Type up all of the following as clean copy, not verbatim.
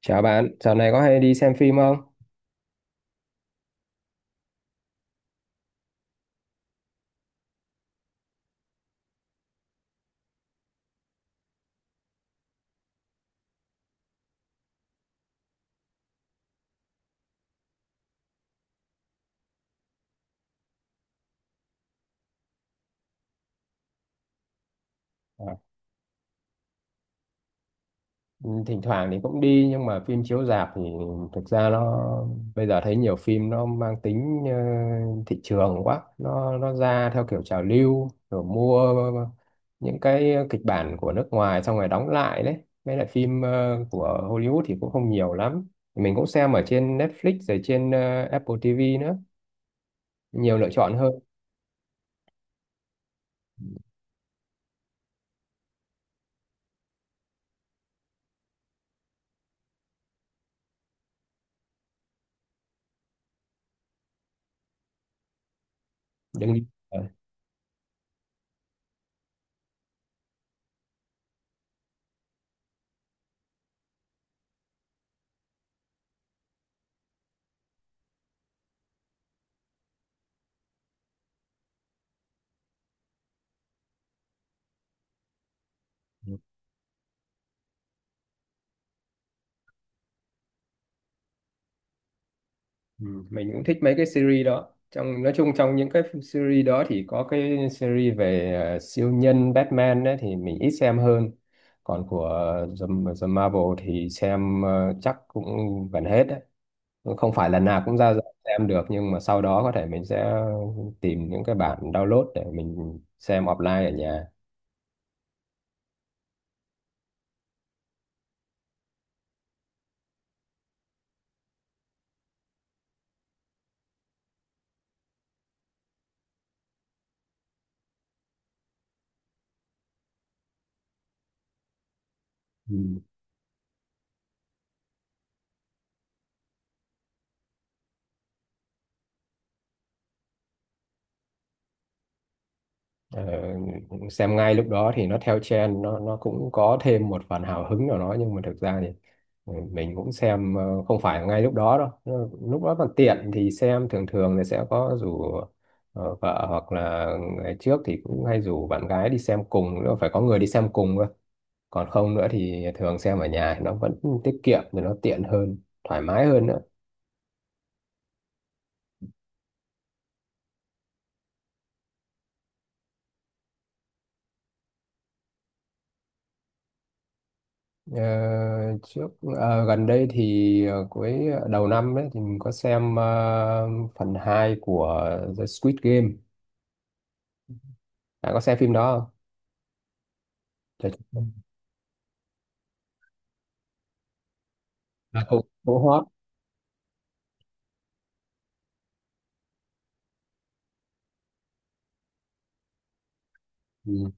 Chào bạn, dạo này có hay đi xem phim không? À. ừ, Thỉnh thoảng thì cũng đi nhưng mà phim chiếu rạp thì thực ra nó bây giờ thấy nhiều phim nó mang tính thị trường quá, nó ra theo kiểu trào lưu, rồi mua những cái kịch bản của nước ngoài xong rồi đóng lại đấy. Với lại phim của Hollywood thì cũng không nhiều lắm. Mình cũng xem ở trên Netflix rồi trên Apple TV nữa, nhiều lựa chọn hơn. Đừng đi. Ờ. Ừ. Ừ, mình cũng thích mấy cái series đó, trong nói chung trong những cái series đó thì có cái series về siêu nhân Batman ấy, thì mình ít xem hơn, còn của The, The Marvel thì xem chắc cũng gần hết đấy. Cũng không phải là nào cũng ra ra xem được, nhưng mà sau đó có thể mình sẽ tìm những cái bản download để mình xem offline ở nhà. Ừ. Ờ, xem ngay lúc đó thì nó theo trend, nó cũng có thêm một phần hào hứng nào đó, nhưng mà thực ra thì ừ, mình cũng xem không phải ngay lúc đó đâu. Nó- lúc đó còn tiện thì xem, thường thường thì sẽ có rủ vợ, hoặc là ngày trước thì cũng hay rủ bạn gái đi xem cùng nữa, phải có người đi xem cùng cơ. Còn không nữa thì thường xem ở nhà, nó vẫn tiết kiệm thì nó tiện hơn, thoải mái hơn nữa. Ờ, trước Gần đây thì ờ, cuối đầu năm ấy, thì mình có xem phần 2 của The Squid Game. Bạn có xem phim đó không? Trời, ừ. À, cũng cũng hot. Ừ.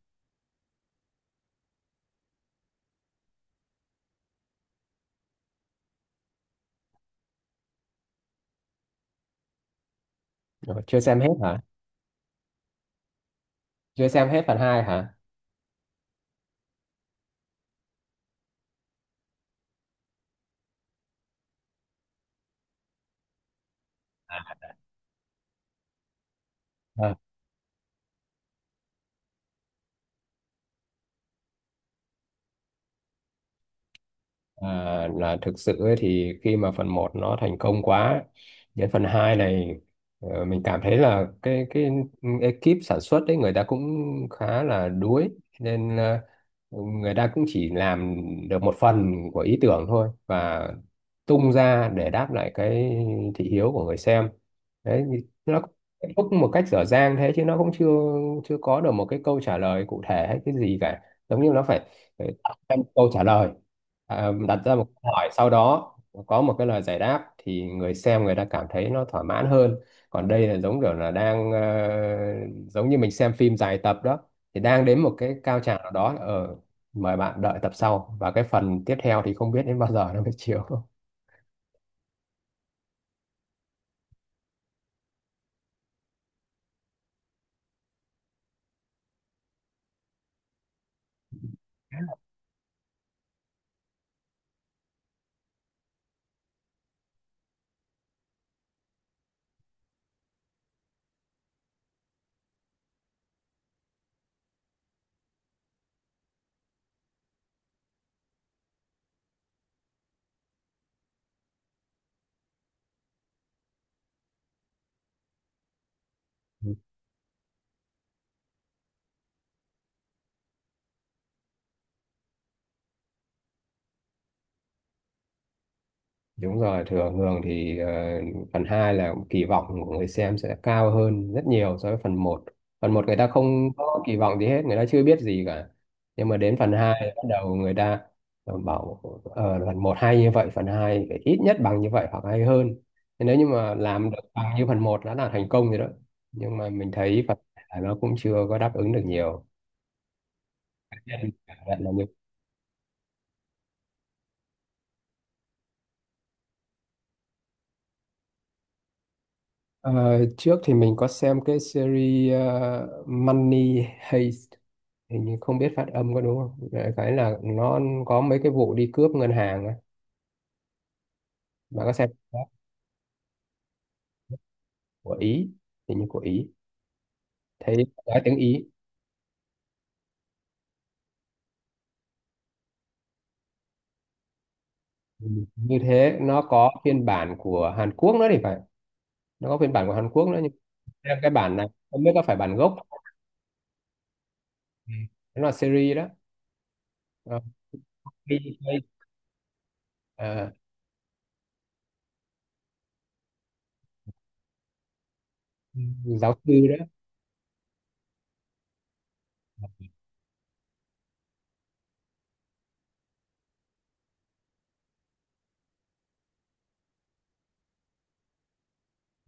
Ờ, chưa xem hết hả? Chưa xem hết phần hai hả? À, là thực sự ấy, thì khi mà phần một nó thành công quá, đến phần 2 này mình cảm thấy là cái ekip sản xuất ấy, người ta cũng khá là đuối, nên người ta cũng chỉ làm được một phần của ý tưởng thôi, và tung ra để đáp lại cái thị hiếu của người xem đấy, thì nó kết thúc một cách dở dang thế, chứ nó cũng chưa chưa có được một cái câu trả lời cụ thể hay cái gì cả. Giống như nó phải để xem câu trả lời, à, đặt ra một câu hỏi sau đó có một cái lời giải đáp thì người xem người ta cảm thấy nó thỏa mãn hơn. Còn đây là giống kiểu là đang giống như mình xem phim dài tập đó, thì đang đến một cái cao trào nào đó ở, mời bạn đợi tập sau, và cái phần tiếp theo thì không biết đến bao giờ nó mới chiếu. Đúng rồi, thừa hưởng thì phần 2 là kỳ vọng của người xem sẽ cao hơn rất nhiều so với phần một. Phần một người ta không có kỳ vọng gì hết, người ta chưa biết gì cả. Nhưng mà đến phần 2 bắt đầu người ta bảo phần một hay như vậy, phần 2 phải ít nhất bằng như vậy hoặc hay hơn. Thế nếu như mà làm được bằng như phần một đã là thành công rồi đó. Nhưng mà mình thấy phần hai nó cũng chưa có đáp ứng được nhiều. Nên cảm nhận là như Ờ, trước thì mình có xem cái series Money Heist, hình như không biết phát âm có đúng không. Đại cái là nó có mấy cái vụ đi cướp ngân hàng á, mà có xem của Ý, hình như của Ý, thấy nói tiếng Ý. Ừ. Như thế nó có phiên bản của Hàn Quốc nữa thì phải, nó có phiên bản của Hàn Quốc nữa, nhưng xem cái bản này không biết có phải bản gốc không. Ừ. Nó là series đó. Ờ, đi thuê, ờ, giáo sư đó,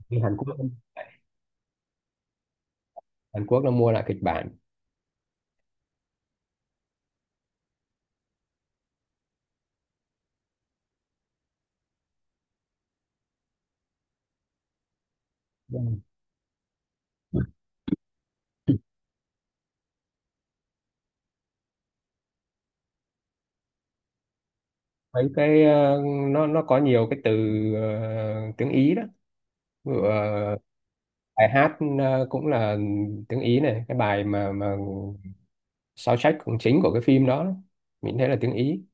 đi Hàn Quốc, Hàn Quốc nó mua lại kịch bản. Ừ. Mấy cái nó có nhiều cái từ tiếng Ý đó. Ví dụ, ờ, bài hát cũng là tiếng Ý này, cái bài mà soundtrack cũng chính của cái phim đó, mình thấy là tiếng Ý,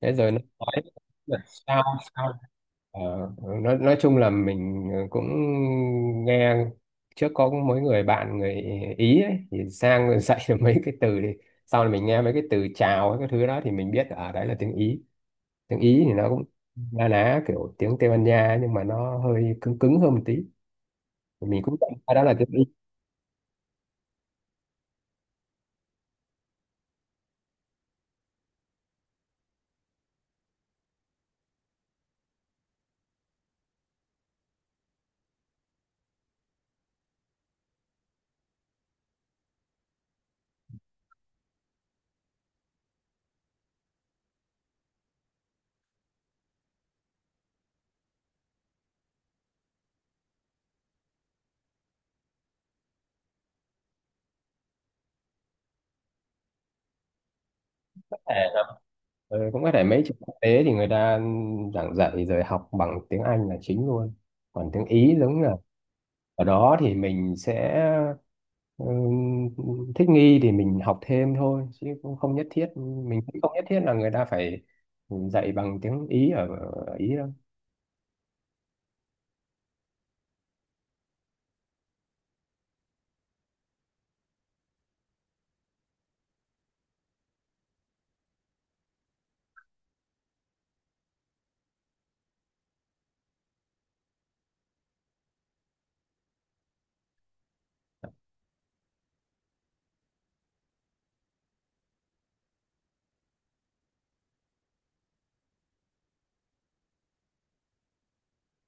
thế rồi nó nói là sao sao. Ờ, nói chung là mình cũng nghe trước có mấy người bạn người Ý ấy, thì sang rồi dạy được mấy cái từ, thì sau là mình nghe mấy cái từ chào cái thứ đó thì mình biết ở đấy là tiếng Ý. Tiếng Ý thì nó cũng na ná kiểu tiếng Tây Ban Nha, nhưng mà nó hơi cứng cứng hơn một tí, mình cũng cảm thấy đó là tiếng Ý. Có thể là- ừ, cũng có thể mấy trường quốc tế thì người ta giảng dạy rồi học bằng tiếng Anh là chính luôn, còn tiếng Ý giống là ở đó thì mình sẽ ừ, thích nghi thì mình học thêm thôi chứ cũng không nhất thiết. Mình cũng không nhất thiết là người ta phải dạy bằng tiếng Ý ở Ý đâu.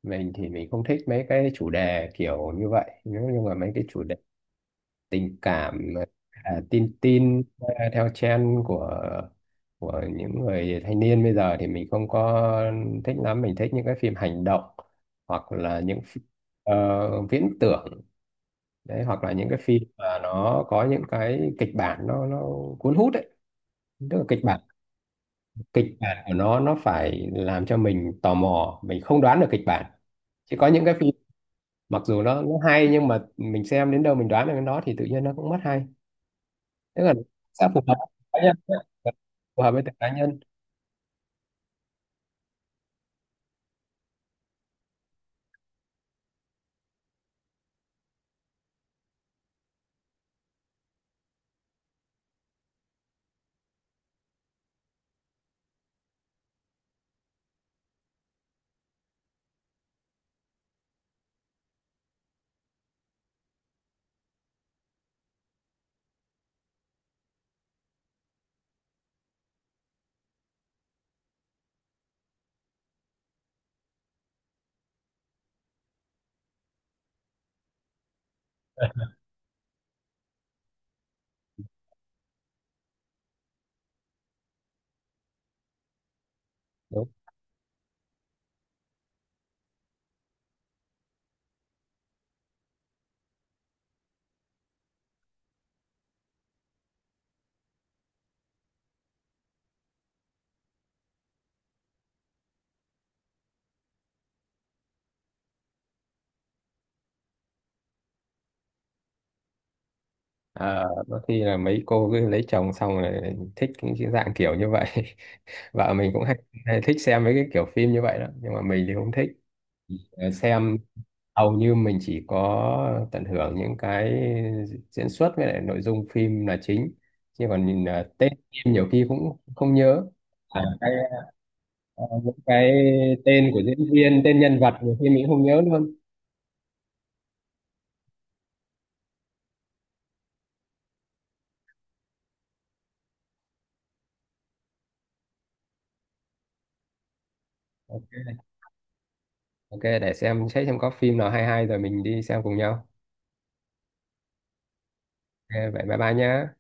Mình thì mình không thích mấy cái chủ đề kiểu như vậy, nếu như mà mấy cái chủ đề tình cảm, à, tin tin, à, theo trend của những người thanh niên bây giờ thì mình không có thích lắm. Mình thích những cái phim hành động, hoặc là những phi- ờ, viễn tưởng đấy, hoặc là những cái phim mà nó có những cái kịch bản nó cuốn hút đấy. Tức là kịch bản của nó phải làm cho mình tò mò, mình không đoán được kịch bản. Chứ có những cái phim mặc dù nó hay, nhưng mà mình xem đến đâu mình đoán được cái đó thì tự nhiên nó cũng mất hay. Tức là sao phù hợp với cá nhân á, phù hợp với từng cá nhân. Đúng. À, đôi khi là mấy cô cứ lấy chồng xong rồi thích những cái dạng kiểu như vậy. Vợ mình cũng hay thích xem mấy cái kiểu phim như vậy đó, nhưng mà mình thì không thích. Ờ, xem hầu như mình chỉ có tận hưởng những cái diễn xuất với lại nội dung phim là chính, chứ còn nhìn à, tên phim nhiều khi cũng không nhớ. À, cái, à, những cái tên của diễn viên, tên nhân vật, nhiều khi mình cũng không nhớ luôn. Ok. Ok, để xem xét xem có phim nào hay hay rồi mình đi xem cùng nhau. Ok, vậy bye bye nhé.